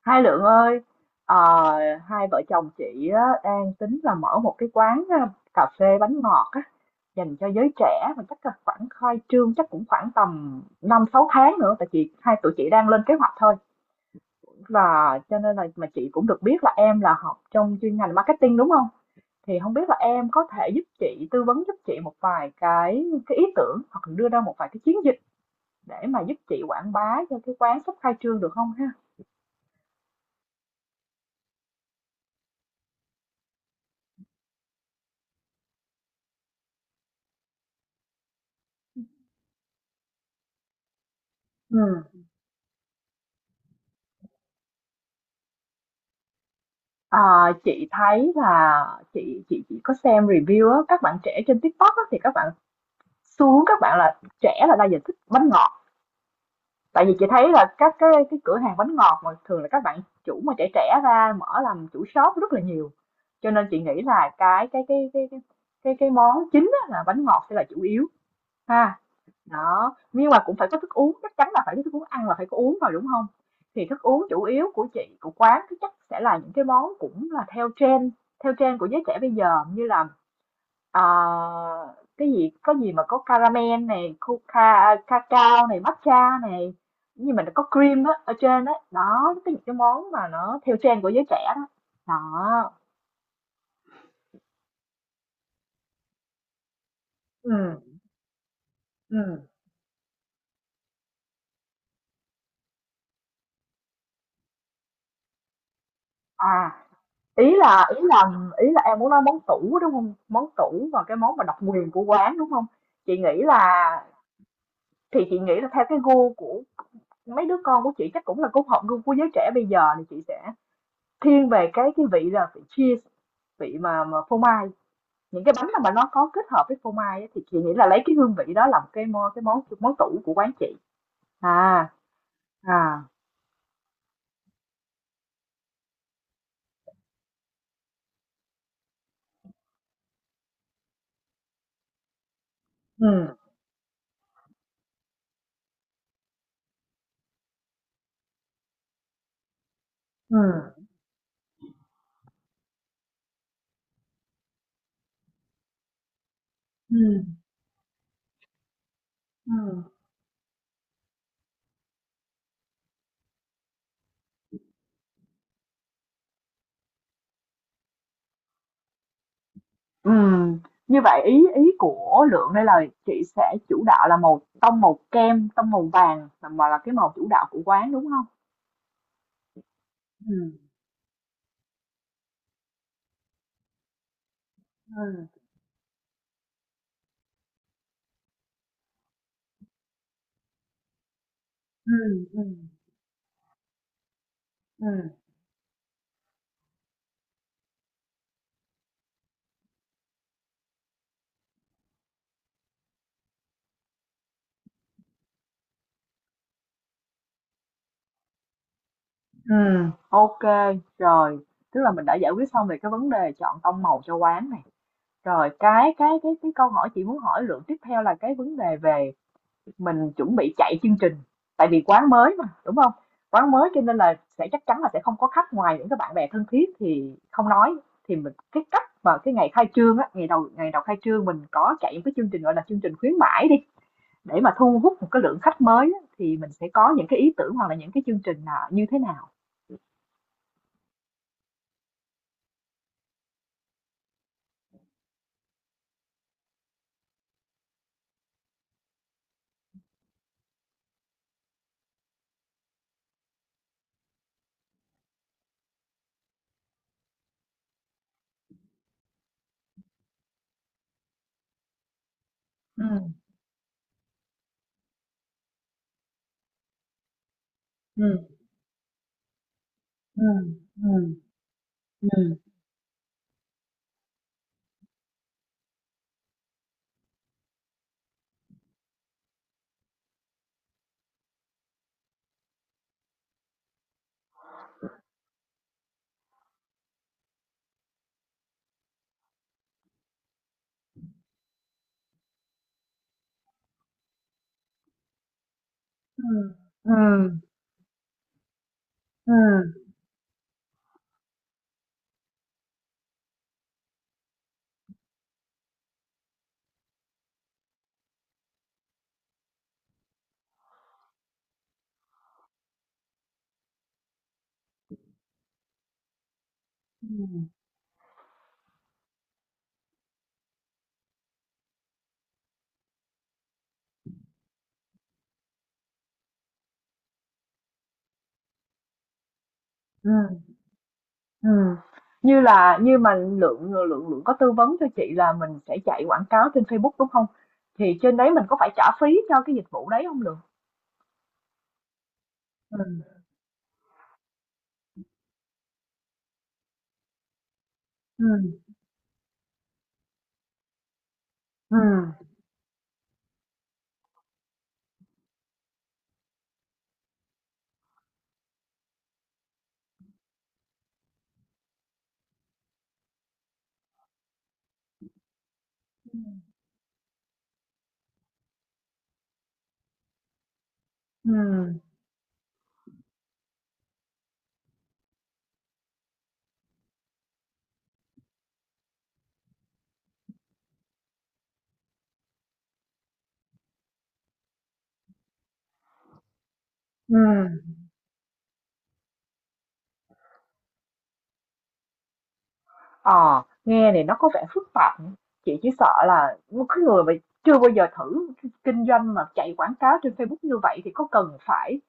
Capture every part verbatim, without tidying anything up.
Hai Lượng ơi, ờ, hai vợ chồng chị á, đang tính là mở một cái quán ờ, cà phê bánh ngọt á, dành cho giới trẻ mà chắc là khoảng khai trương chắc cũng khoảng tầm năm sáu tháng nữa tại chị hai tụi chị đang lên kế hoạch thôi. Và cho nên là mà chị cũng được biết là em là học trong chuyên ngành marketing đúng không? Thì không biết là em có thể giúp chị tư vấn giúp chị một vài cái cái ý tưởng hoặc là đưa ra một vài cái chiến dịch để mà giúp chị quảng bá cho cái quán sắp khai trương được không ha? Ừ. Ờ, chị thấy là chị chị chị có xem review á, các bạn trẻ trên TikTok á, thì các bạn xu hướng các bạn là trẻ là đa dạng thích bánh ngọt. Tại vì chị thấy là các cái cái cửa hàng bánh ngọt mà thường là các bạn chủ mà trẻ trẻ ra mở làm chủ shop rất là nhiều. Cho nên chị nghĩ là cái cái cái cái cái cái, cái món chính á, là bánh ngọt sẽ là chủ yếu ha. Đó, nhưng mà cũng phải có thức uống, chắc chắn là phải có thức uống, ăn là phải có uống rồi, đúng không? Thì thức uống chủ yếu của chị, của quán thì chắc sẽ là những cái món cũng là theo trend, theo trend của giới trẻ bây giờ như là, ờ, cái gì có gì mà có caramel này, coca cacao này, matcha này, nhưng mà nó có cream á, ở trên á, đó, cái những cái món mà nó theo trend của giới trẻ đó. Đó. Ừ. Ừ. À. Ý là ý là ý là em muốn nói món tủ, đúng không? Món tủ và cái món mà độc quyền của quán, đúng không? Chị nghĩ là thì chị nghĩ là theo cái gu của mấy đứa con của chị chắc cũng là cũng hợp gu của giới trẻ bây giờ thì chị sẽ thiên về cái cái vị là vị cheese, vị mà mà phô mai. Những cái bánh nào mà nó có kết hợp với phô mai á, thì chị nghĩ là lấy cái hương vị đó làm cái mo cái món món tủ của quán chị. À, à. Ừm, ừm, ừm, ừm. Ừm, như vậy ý ý của Lượng đây là chị sẽ chủ đạo là màu tông màu kem, tông màu vàng là mà là cái màu chủ đạo của quán đúng không? ừ, ừ, ừ, ừ, ừ, ừm. Ok, rồi, tức là mình đã giải quyết xong về cái vấn đề chọn tông màu cho quán này. Rồi cái cái cái cái câu hỏi chị muốn hỏi Lượng tiếp theo là cái vấn đề về. Mình chuẩn bị chạy chương trình, tại vì quán mới mà, đúng không? Quán mới cho nên là sẽ chắc chắn là sẽ không có khách ngoài những cái bạn bè thân thiết thì không nói, thì mình cái cách mà cái ngày khai trương á, ngày đầu ngày đầu khai trương mình có chạy những cái chương trình, gọi là, chương trình khuyến mãi đi, để mà thu hút một cái lượng khách mới á, thì mình sẽ có những cái ý tưởng hoặc là những cái chương trình là như thế nào? Ừm, ừm, ừm, ừm, ừm, ừm, ừm, ừm, ừm. Ừ, như là như mà Lượng Lượng Lượng có tư vấn cho chị là mình sẽ chạy quảng cáo trên Facebook, đúng không? Thì trên đấy mình có phải trả phí cho cái dịch vụ đấy không Lượng? Ừ, ừ, ừ, ừ. Ừm. ờ, nghe này nó có vẻ phức tạp nhỉ? Chị chỉ sợ là một cái người mà chưa bao giờ thử kinh doanh mà chạy quảng cáo trên Facebook như vậy thì có cần phải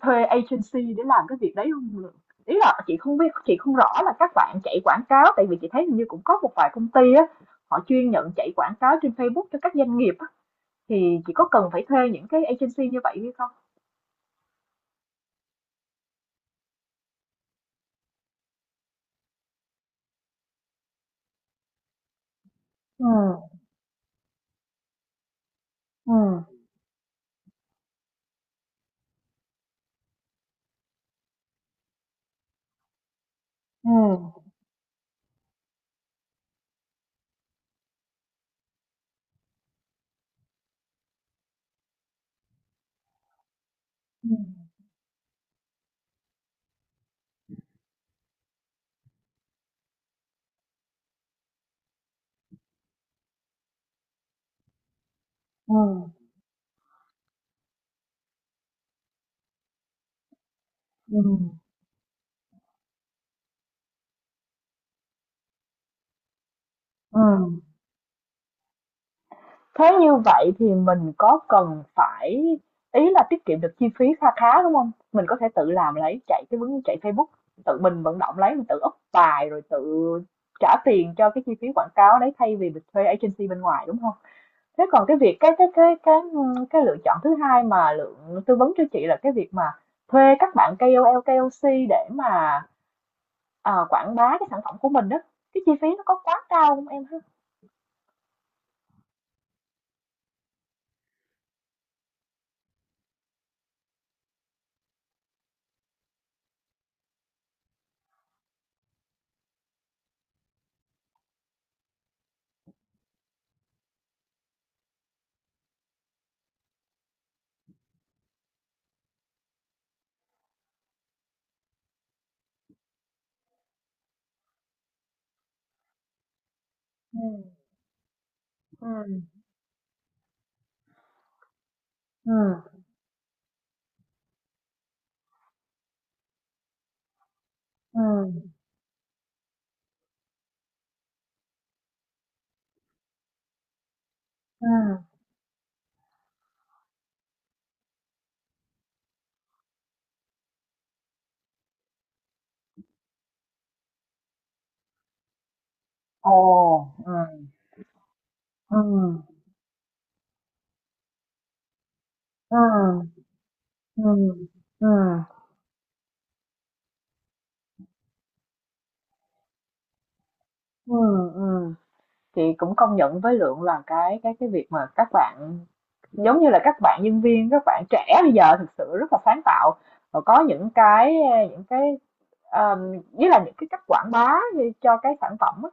thuê agency để làm cái việc đấy không? Ý là chị không biết chị không rõ là các bạn chạy quảng cáo tại vì chị thấy hình như cũng có một vài công ty á, họ chuyên nhận chạy quảng cáo trên Facebook cho các doanh nghiệp á, thì chị có cần phải thuê những cái agency như vậy hay không? Ừ, ừ, ừ, ừ, ừ, ừ. Thế như vậy thì mình có cần phải, ý là tiết kiệm được chi phí kha khá, đúng không? Mình có thể tự làm lấy, chạy cái vấn chạy Facebook, tự mình vận động lấy, mình tự up bài rồi tự trả tiền cho cái chi phí quảng cáo đấy thay vì mình thuê agency bên ngoài, đúng không? Thế còn cái việc cái cái cái cái, cái lựa chọn thứ hai mà Lượng tư vấn cho chị là cái việc mà thuê các bạn ca ô lờ, ca ô xê để mà, ờ, quảng bá cái sản phẩm của mình đó, cái chi phí nó có quá cao không em ha? Ừm, ừm, ừm, ừm, ừm. Ồ, ừm, ừm, ừm, ừm, ừm, ừm, ừm. Chị cũng công nhận với Lượng là cái cái cái việc mà các bạn giống như là các bạn nhân viên các bạn trẻ bây giờ thực sự rất là sáng tạo và có những cái những cái, um, với là những cái cách quảng bá cho cái sản phẩm á,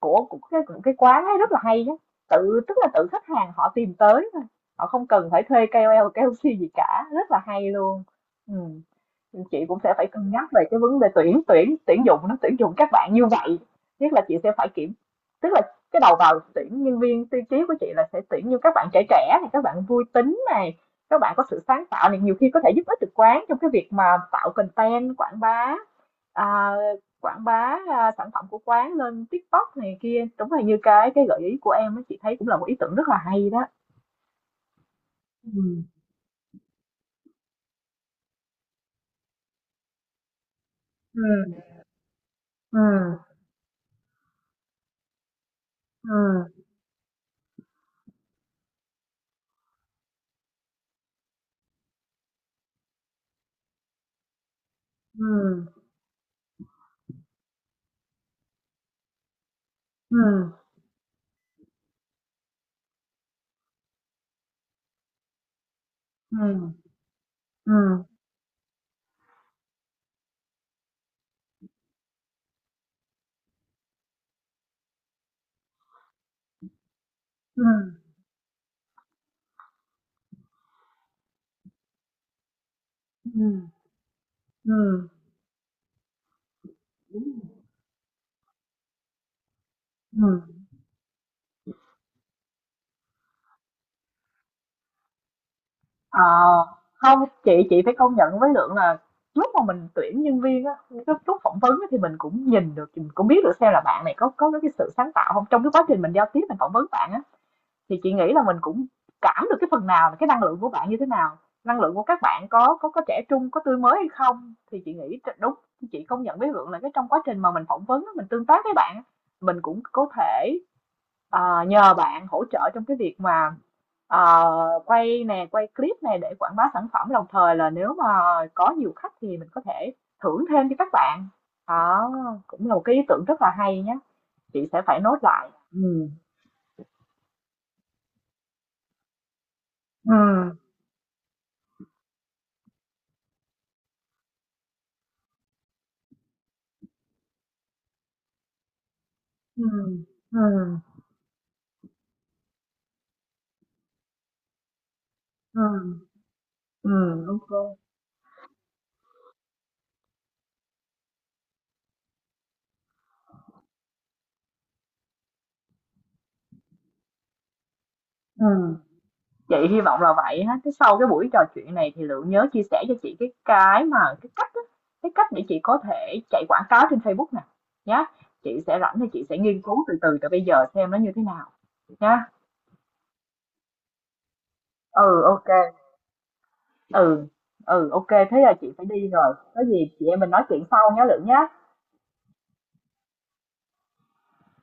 Của của cái cái quán ấy rất là hay nhá, tự tức là tự khách hàng họ tìm tới thôi, họ không cần phải thuê ca ô lờ, ca ô xê gì cả, rất là hay luôn. Ừm, chị cũng sẽ phải cân nhắc về cái vấn đề tuyển tuyển tuyển dụng nó tuyển dụng các bạn như vậy, nhất là chị sẽ phải kiểm, tức là cái đầu vào tuyển nhân viên tiêu chí của chị là sẽ tuyển như các bạn trẻ trẻ này, các bạn vui tính này, các bạn có sự sáng tạo này, nhiều khi có thể giúp ích được quán trong cái việc mà tạo content quảng bá. À, quảng bá, a, sản phẩm của quán lên TikTok này kia, đúng là như cái cái gợi ý của em á, chị thấy cũng là một ý tưởng rất là hay đó. Ừm, ừm, ừm, ừm, ừm, ừm, ừm, ừm, ừm, ừm, ừm, ừm. Ờ, không, chị chị phải công nhận với Lượng là lúc mà mình tuyển nhân viên á, cái lúc phỏng vấn á, thì mình cũng nhìn được, mình cũng biết được xem là bạn này có có cái sự sáng tạo không. Trong cái quá trình mình giao tiếp mình phỏng vấn bạn á, thì chị nghĩ là mình cũng cảm được cái phần nào là cái năng lượng của bạn như thế nào, năng lượng của các bạn có có có trẻ trung, có tươi mới hay không. Thì chị nghĩ đúng, chị công nhận với Vượng là cái trong quá trình mà mình phỏng vấn, mình tương tác với bạn, mình cũng có thể, à, nhờ bạn hỗ trợ trong cái việc mà, à, quay nè, quay clip này để quảng bá sản phẩm. Đồng thời là nếu mà có nhiều khách thì mình có thể thưởng thêm cho các bạn. Đó, cũng là một cái ý tưởng rất là hay nhé. Chị sẽ phải nốt lại. Ừ. Ừ. Ừ. Ừ. Ừ, ừ, ok, ừ, chị hy vọng là vậy ha. Thế sau cái buổi trò chuyện này thì Lượng nhớ chia sẻ cho chị cái cái mà cái cách á, cái cách để chị có thể chạy quảng cáo trên Facebook nè, nhá. Chị sẽ rảnh thì chị sẽ nghiên cứu từ từ, từ bây giờ xem nó như thế nào nhá. Ừ, ok, ừ, ừ, ok, thế là chị phải đi rồi, có gì chị em mình nói chuyện sau nhé Lượng nhá.